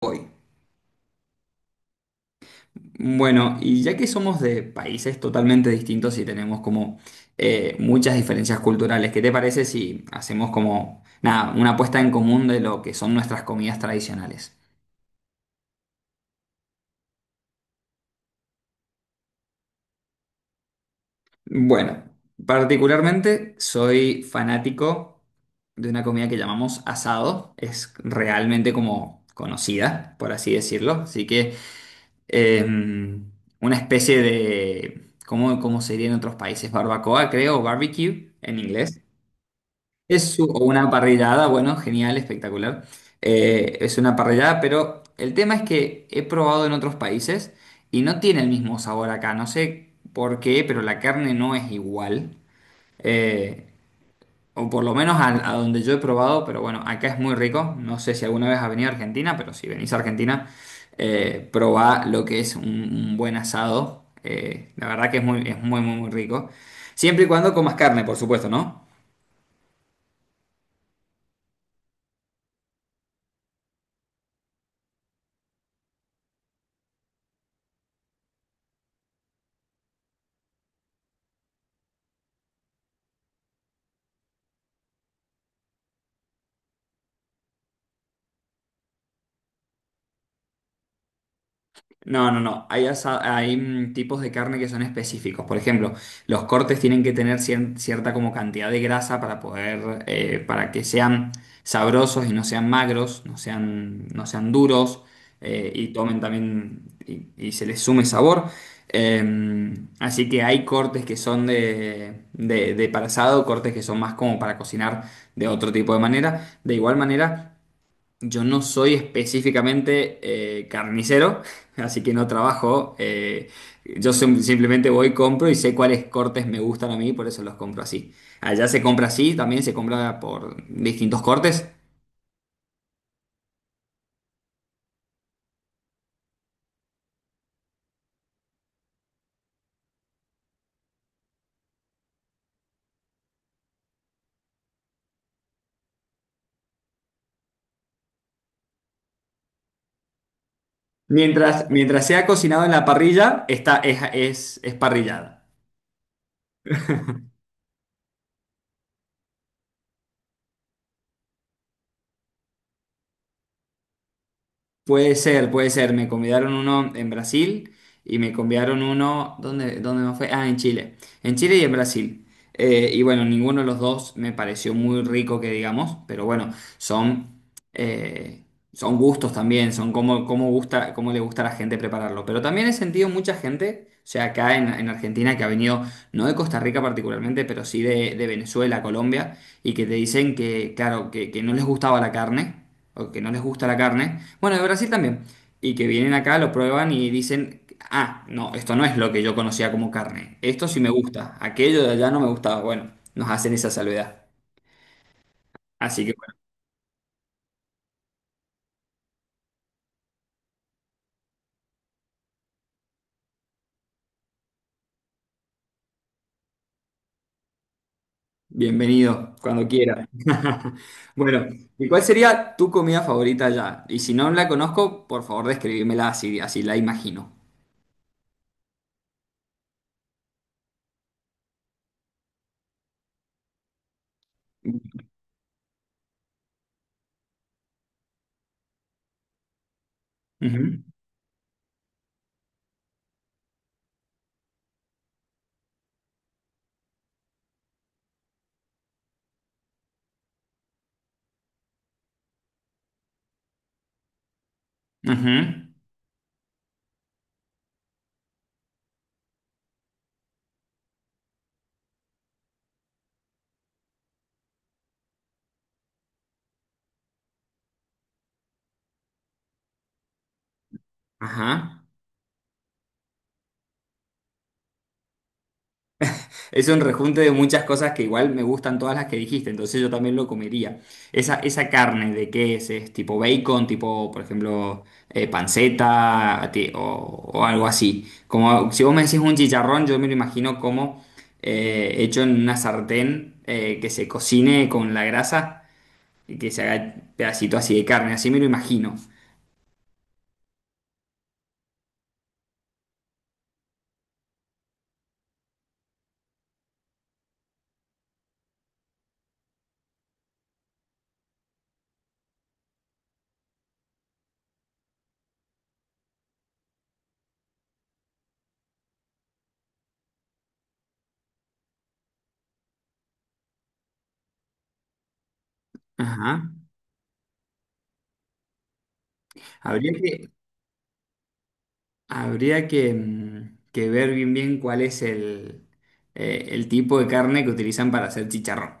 Hoy. Bueno, y ya que somos de países totalmente distintos y tenemos como muchas diferencias culturales, ¿qué te parece si hacemos como, nada, una puesta en común de lo que son nuestras comidas tradicionales? Bueno, particularmente soy fanático de una comida que llamamos asado, es realmente como conocida, por así decirlo, así que eh, una especie de, ¿cómo, cómo sería en otros países? Barbacoa, creo, o barbecue en inglés. Es una parrillada, bueno, genial, espectacular. Es una parrillada, pero el tema es que he probado en otros países y no tiene el mismo sabor acá. No sé por qué, pero la carne no es igual. Eh, o por lo menos a donde yo he probado, pero bueno, acá es muy rico. No sé si alguna vez has venido a Argentina, pero si venís a Argentina, probá lo que es un buen asado. La verdad que es muy, muy, muy rico. Siempre y cuando comas carne, por supuesto, ¿no? No, no, no. Hay tipos de carne que son específicos. Por ejemplo, los cortes tienen que tener cierta como cantidad de grasa para poder, para que sean sabrosos y no sean magros, no sean duros y tomen también y se les sume sabor. Eh, así que hay cortes que son de para asado, cortes que son más como para cocinar de otro tipo de manera. De igual manera. Yo no soy específicamente carnicero, así que no trabajo. Yo simplemente voy, compro y sé cuáles cortes me gustan a mí, por eso los compro así. Allá se compra así, también se compra por distintos cortes. Mientras sea cocinado en la parrilla, es parrillada. Puede ser, puede ser. Me convidaron uno en Brasil y me convidaron uno, dónde me fue? Ah, en Chile. En Chile y en Brasil. Y bueno, ninguno de los dos me pareció muy rico que digamos, pero bueno, son, eh, son gustos también, son cómo gusta, cómo le gusta a la gente prepararlo. Pero también he sentido mucha gente, o sea, acá en Argentina que ha venido, no de Costa Rica particularmente, pero sí de Venezuela, Colombia, y que te dicen que, claro, que no les gustaba la carne o que no les gusta la carne. Bueno, de Brasil también. Y que vienen acá, lo prueban y dicen, ah, no, esto no es lo que yo conocía como carne. Esto sí me gusta. Aquello de allá no me gustaba. Bueno, nos hacen esa salvedad. Así que bueno, bienvenido cuando quiera. Bueno, ¿y cuál sería tu comida favorita allá? Y si no la conozco, por favor, describímela así, así la imagino. Ujú, ujú, ajá. Es un rejunte de muchas cosas que igual me gustan todas las que dijiste, entonces yo también lo comería. Esa carne, ¿de qué es? ¿Es tipo bacon, tipo, por ejemplo, panceta o algo así? Como si vos me decís un chicharrón, yo me lo imagino como hecho en una sartén que se cocine con la grasa y que se haga pedacito así de carne, así me lo imagino. Ajá. Habría que, habría que, que ver bien bien cuál es el tipo de carne que utilizan para hacer chicharrón.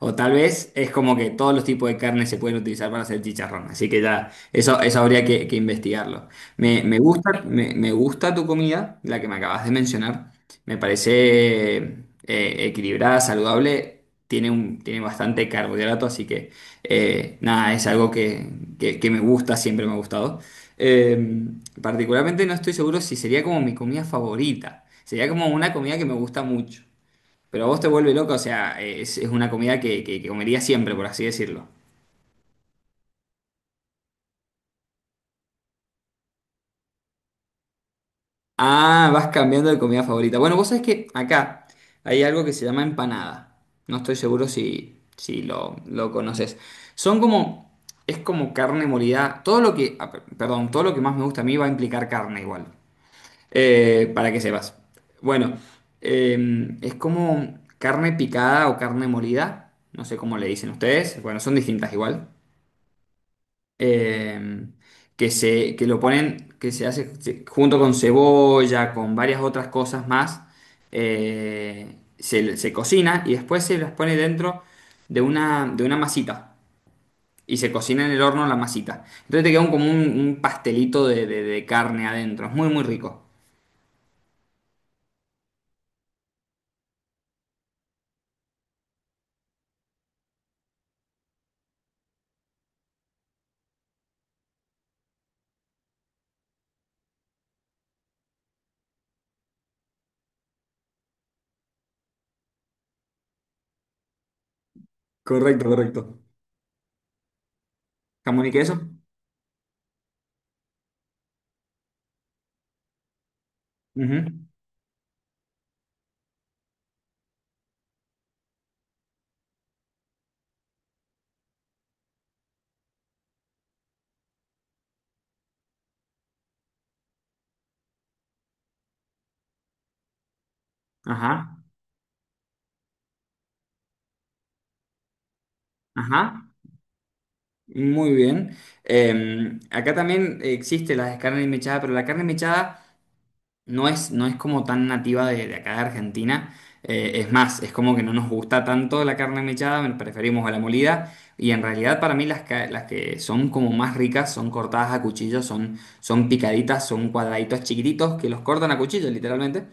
O tal vez es como que todos los tipos de carne se pueden utilizar para hacer chicharrón. Así que ya, eso habría que investigarlo. Me gusta, me gusta tu comida, la que me acabas de mencionar. Me parece equilibrada, saludable. Tiene un, tiene bastante carbohidrato, así que nada, es algo que, que me gusta, siempre me ha gustado. Eh, particularmente no estoy seguro si sería como mi comida favorita. Sería como una comida que me gusta mucho. Pero a vos te vuelve loca, o sea, es una comida que comería siempre, por así decirlo. Ah, vas cambiando de comida favorita. Bueno, vos sabés que acá hay algo que se llama empanada. No estoy seguro si lo conoces. Son como, es como carne molida. Todo lo que, ah, perdón, todo lo que más me gusta a mí va a implicar carne igual. Para que sepas. Bueno, es como carne picada o carne molida, no sé cómo le dicen ustedes, bueno, son distintas igual, Eh, que se, que lo ponen, que se hace junto con cebolla, con varias otras cosas más, se cocina y después se las pone dentro de una masita. Y se cocina en el horno la masita. Entonces te queda como un pastelito de, de carne adentro. Es muy, muy rico. Correcto, correcto. Jamón y queso. Ujú. Ajá, ajá. Muy bien. Acá también existe la carne mechada, pero la carne mechada no es, no es como tan nativa de acá de Argentina. Es más, es como que no nos gusta tanto la carne mechada, preferimos a la molida. Y en realidad para mí las que son como más ricas son cortadas a cuchillo, son, son picaditas, son cuadraditos chiquititos que los cortan a cuchillo literalmente.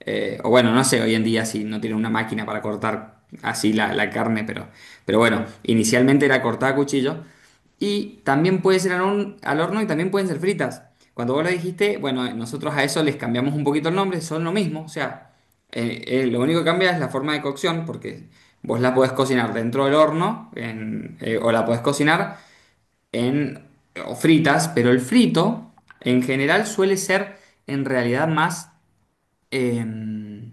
O bueno, no sé hoy en día si no tienen una máquina para cortar así la carne, pero bueno, inicialmente era cortada a cuchillo. Y también puede ser al horno y también pueden ser fritas. Cuando vos lo dijiste, bueno, nosotros a eso les cambiamos un poquito el nombre, son lo mismo, o sea, lo único que cambia es la forma de cocción, porque vos la podés cocinar dentro del horno o la podés cocinar en o fritas, pero el frito en general suele ser en realidad más... em,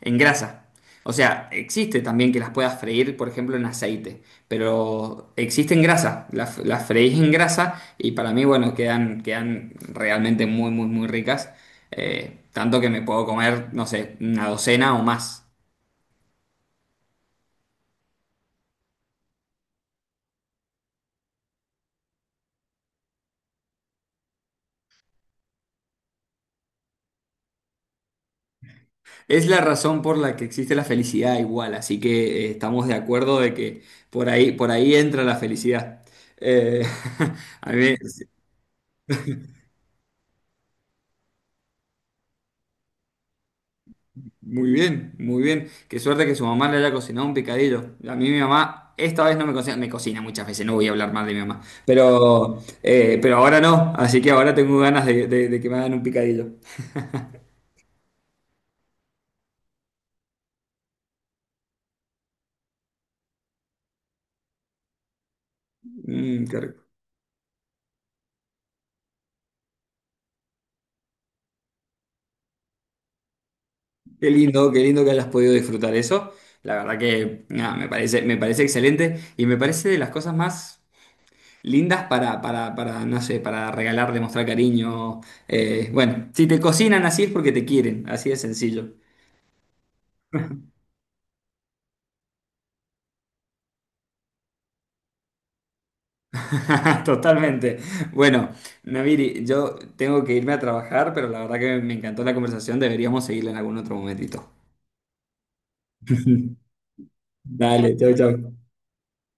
en grasa. O sea, existe también que las puedas freír, por ejemplo, en aceite, pero existe en grasa. Las freís en grasa y para mí, bueno, quedan realmente muy, muy, muy ricas. Tanto que me puedo comer, no sé, una docena o más. Es la razón por la que existe la felicidad igual, así que estamos de acuerdo de que por ahí entra la felicidad. Eh, a mí muy bien, muy bien. Qué suerte que su mamá le haya cocinado un picadillo. A mí mi mamá esta vez no me cocina, me cocina muchas veces, no voy a hablar mal de mi mamá, pero ahora no, así que ahora tengo ganas de, de que me hagan un picadillo. Mm, qué rico. Qué lindo que hayas podido disfrutar eso. La verdad que nada, me parece excelente y me parece de las cosas más lindas para, no sé, para regalar, demostrar cariño. Bueno, si te cocinan así es porque te quieren, así de sencillo. Totalmente. Bueno, Naviri, yo tengo que irme a trabajar, pero la verdad que me encantó la conversación. Deberíamos seguirla en algún otro momentito. Dale, chau, chau.